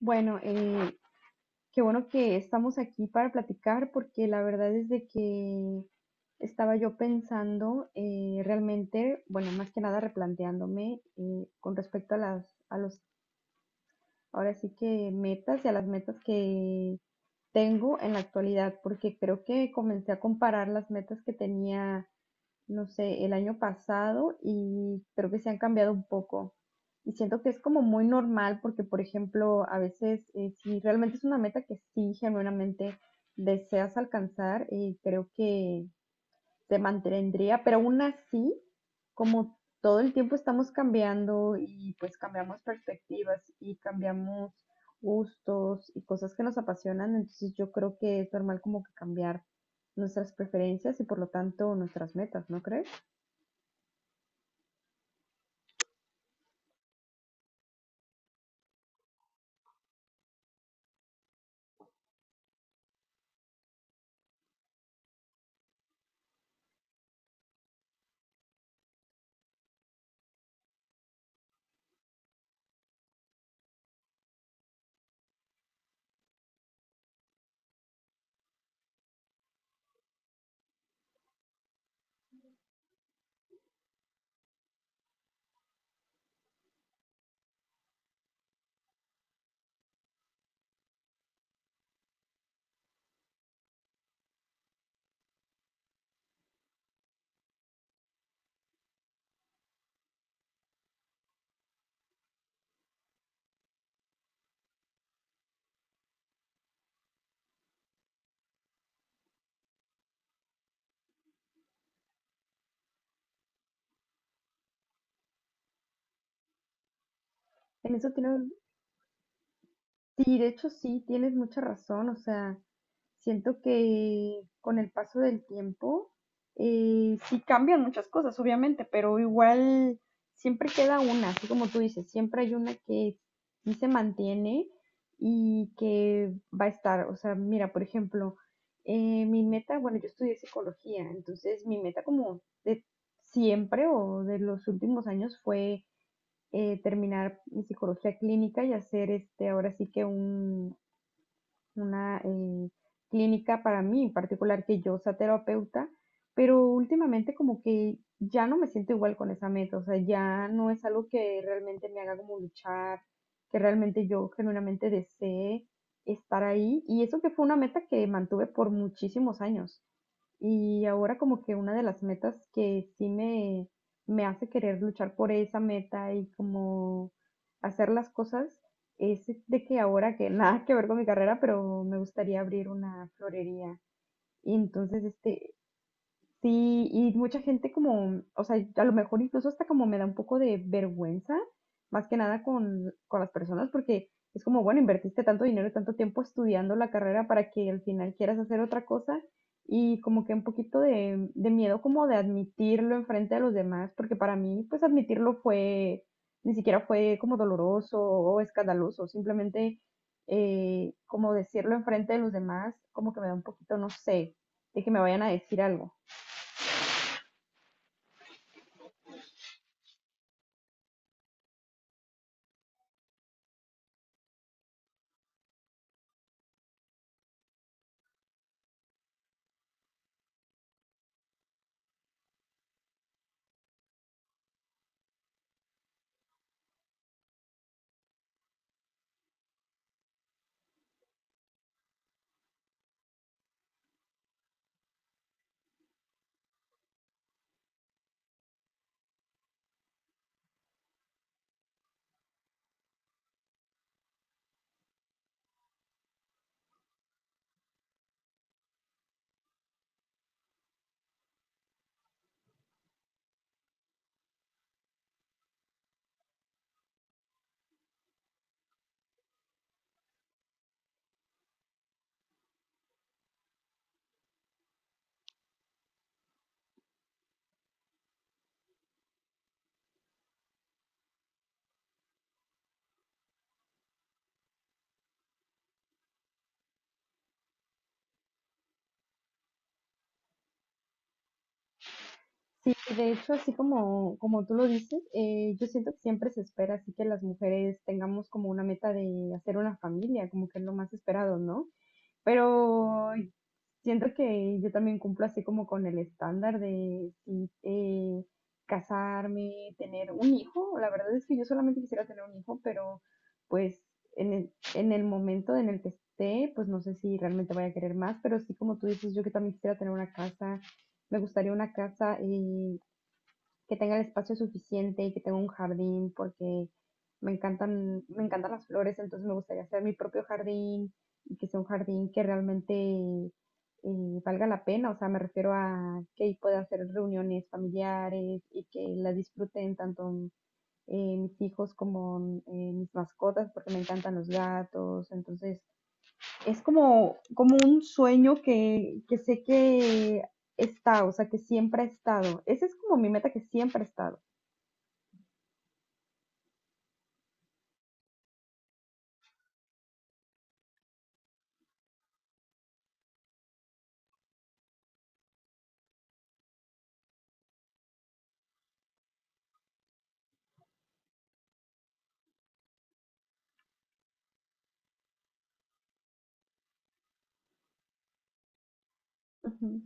Bueno, qué bueno que estamos aquí para platicar, porque la verdad es de que estaba yo pensando, realmente, bueno, más que nada replanteándome, con respecto a los, ahora sí que metas, y a las metas que tengo en la actualidad, porque creo que comencé a comparar las metas que tenía, no sé, el año pasado, y creo que se han cambiado un poco. Y siento que es como muy normal porque, por ejemplo, a veces, si realmente es una meta que sí genuinamente deseas alcanzar, creo que se mantendría, pero aún así, como todo el tiempo estamos cambiando y pues cambiamos perspectivas y cambiamos gustos y cosas que nos apasionan, entonces yo creo que es normal como que cambiar nuestras preferencias y por lo tanto nuestras metas, ¿no crees? En eso tiene, sí, de hecho sí, tienes mucha razón. O sea, siento que con el paso del tiempo, sí cambian muchas cosas, obviamente, pero igual siempre queda una, así como tú dices, siempre hay una que sí se mantiene y que va a estar. O sea, mira, por ejemplo, mi meta, bueno, yo estudié psicología, entonces mi meta como de siempre o de los últimos años fue, terminar mi psicología clínica y hacer este, ahora sí que un, una, clínica para mí en particular, que yo sea terapeuta, pero últimamente como que ya no me siento igual con esa meta. O sea, ya no es algo que realmente me haga como luchar, que realmente yo genuinamente desee estar ahí, y eso que fue una meta que mantuve por muchísimos años. Y ahora como que una de las metas que sí me hace querer luchar por esa meta y como hacer las cosas es de que ahora que nada que ver con mi carrera, pero me gustaría abrir una florería. Y entonces este, sí, y mucha gente como, o sea, a lo mejor incluso hasta como me da un poco de vergüenza, más que nada con las personas, porque es como, bueno, invertiste tanto dinero y tanto tiempo estudiando la carrera para que al final quieras hacer otra cosa, y como que un poquito de miedo como de admitirlo enfrente de los demás, porque para mí pues admitirlo fue, ni siquiera fue como doloroso o escandaloso, simplemente, como decirlo enfrente de los demás, como que me da un poquito, no sé, de que me vayan a decir algo. Sí, de hecho, así como tú lo dices, yo siento que siempre se espera así que las mujeres tengamos como una meta de hacer una familia, como que es lo más esperado, ¿no? Pero siento que yo también cumplo así como con el estándar de sí, casarme, tener un hijo. La verdad es que yo solamente quisiera tener un hijo, pero pues en el momento en el que esté, pues no sé si realmente vaya a querer más, pero sí como tú dices, yo que también quisiera tener una casa. Me gustaría una casa, que tenga el espacio suficiente y que tenga un jardín, porque me encantan las flores, entonces me gustaría hacer mi propio jardín y que sea un jardín que realmente, valga la pena. O sea, me refiero a que pueda hacer reuniones familiares y que las disfruten tanto, mis hijos como, mis mascotas, porque me encantan los gatos, entonces es como, como un sueño que sé que está, o sea, que siempre ha estado. Esa es como mi meta que siempre ha estado. Ujú.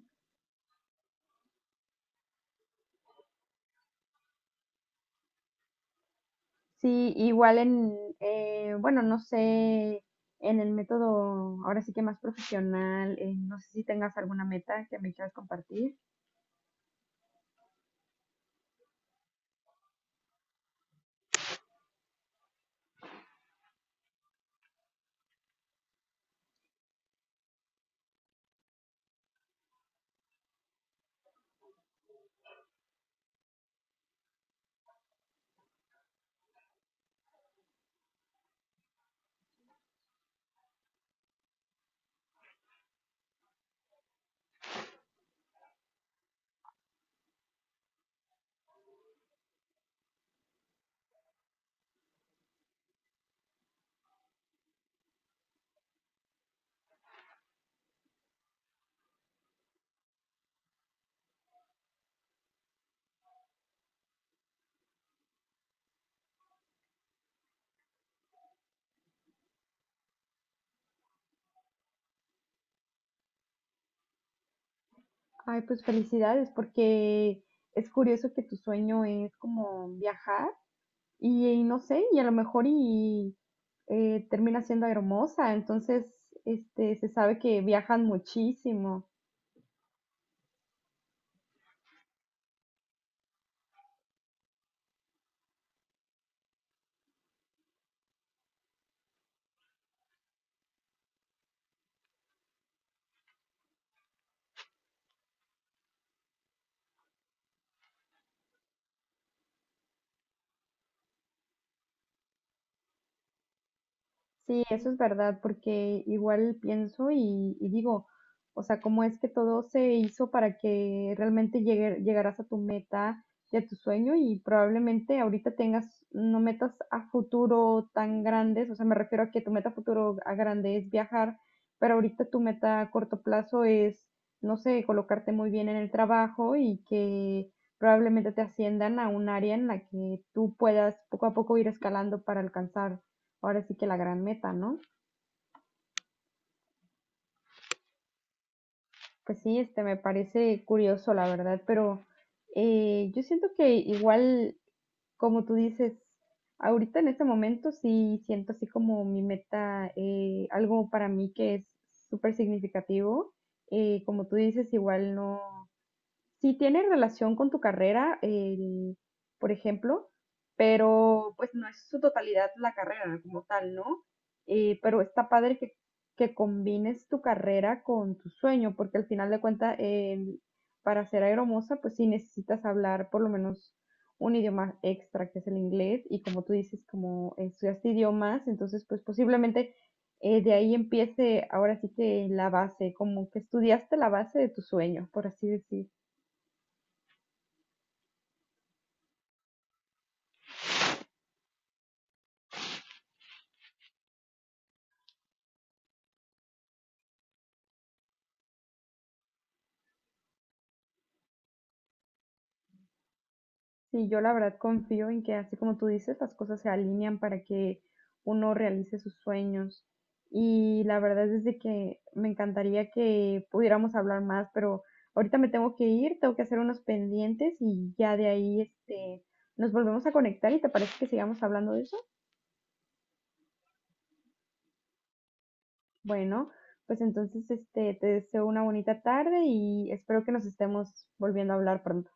Sí, igual en, bueno, no sé, en el método, ahora sí que más profesional, no sé si tengas alguna meta que me quieras compartir. Ay, pues felicidades, porque es curioso que tu sueño es como viajar y no sé, y a lo mejor y, termina siendo hermosa, entonces, este, se sabe que viajan muchísimo. Sí, eso es verdad, porque igual pienso y digo, o sea, cómo es que todo se hizo para que realmente llegaras a tu meta y a tu sueño, y probablemente ahorita tengas no metas a futuro tan grandes. O sea, me refiero a que tu meta a futuro a grande es viajar, pero ahorita tu meta a corto plazo es, no sé, colocarte muy bien en el trabajo y que probablemente te asciendan a un área en la que tú puedas poco a poco ir escalando para alcanzar ahora sí que la gran meta, ¿no? Pues sí, este me parece curioso, la verdad, pero, yo siento que igual, como tú dices, ahorita en este momento sí siento así como mi meta, algo para mí que es súper significativo. Como tú dices, igual no, sí tiene relación con tu carrera, por ejemplo, pero pues no es su totalidad la carrera como tal, ¿no? Pero está padre que combines tu carrera con tu sueño, porque al final de cuentas, para ser aeromoza, pues sí necesitas hablar por lo menos un idioma extra, que es el inglés, y como tú dices, como estudiaste idiomas, entonces pues posiblemente, de ahí empiece ahora sí que la base, como que estudiaste la base de tu sueño, por así decir. Sí, yo la verdad confío en que así como tú dices, las cosas se alinean para que uno realice sus sueños. Y la verdad es de que me encantaría que pudiéramos hablar más, pero ahorita me tengo que ir, tengo que hacer unos pendientes, y ya de ahí este nos volvemos a conectar. ¿Y te parece que sigamos hablando de eso? Bueno, pues entonces este te deseo una bonita tarde y espero que nos estemos volviendo a hablar pronto.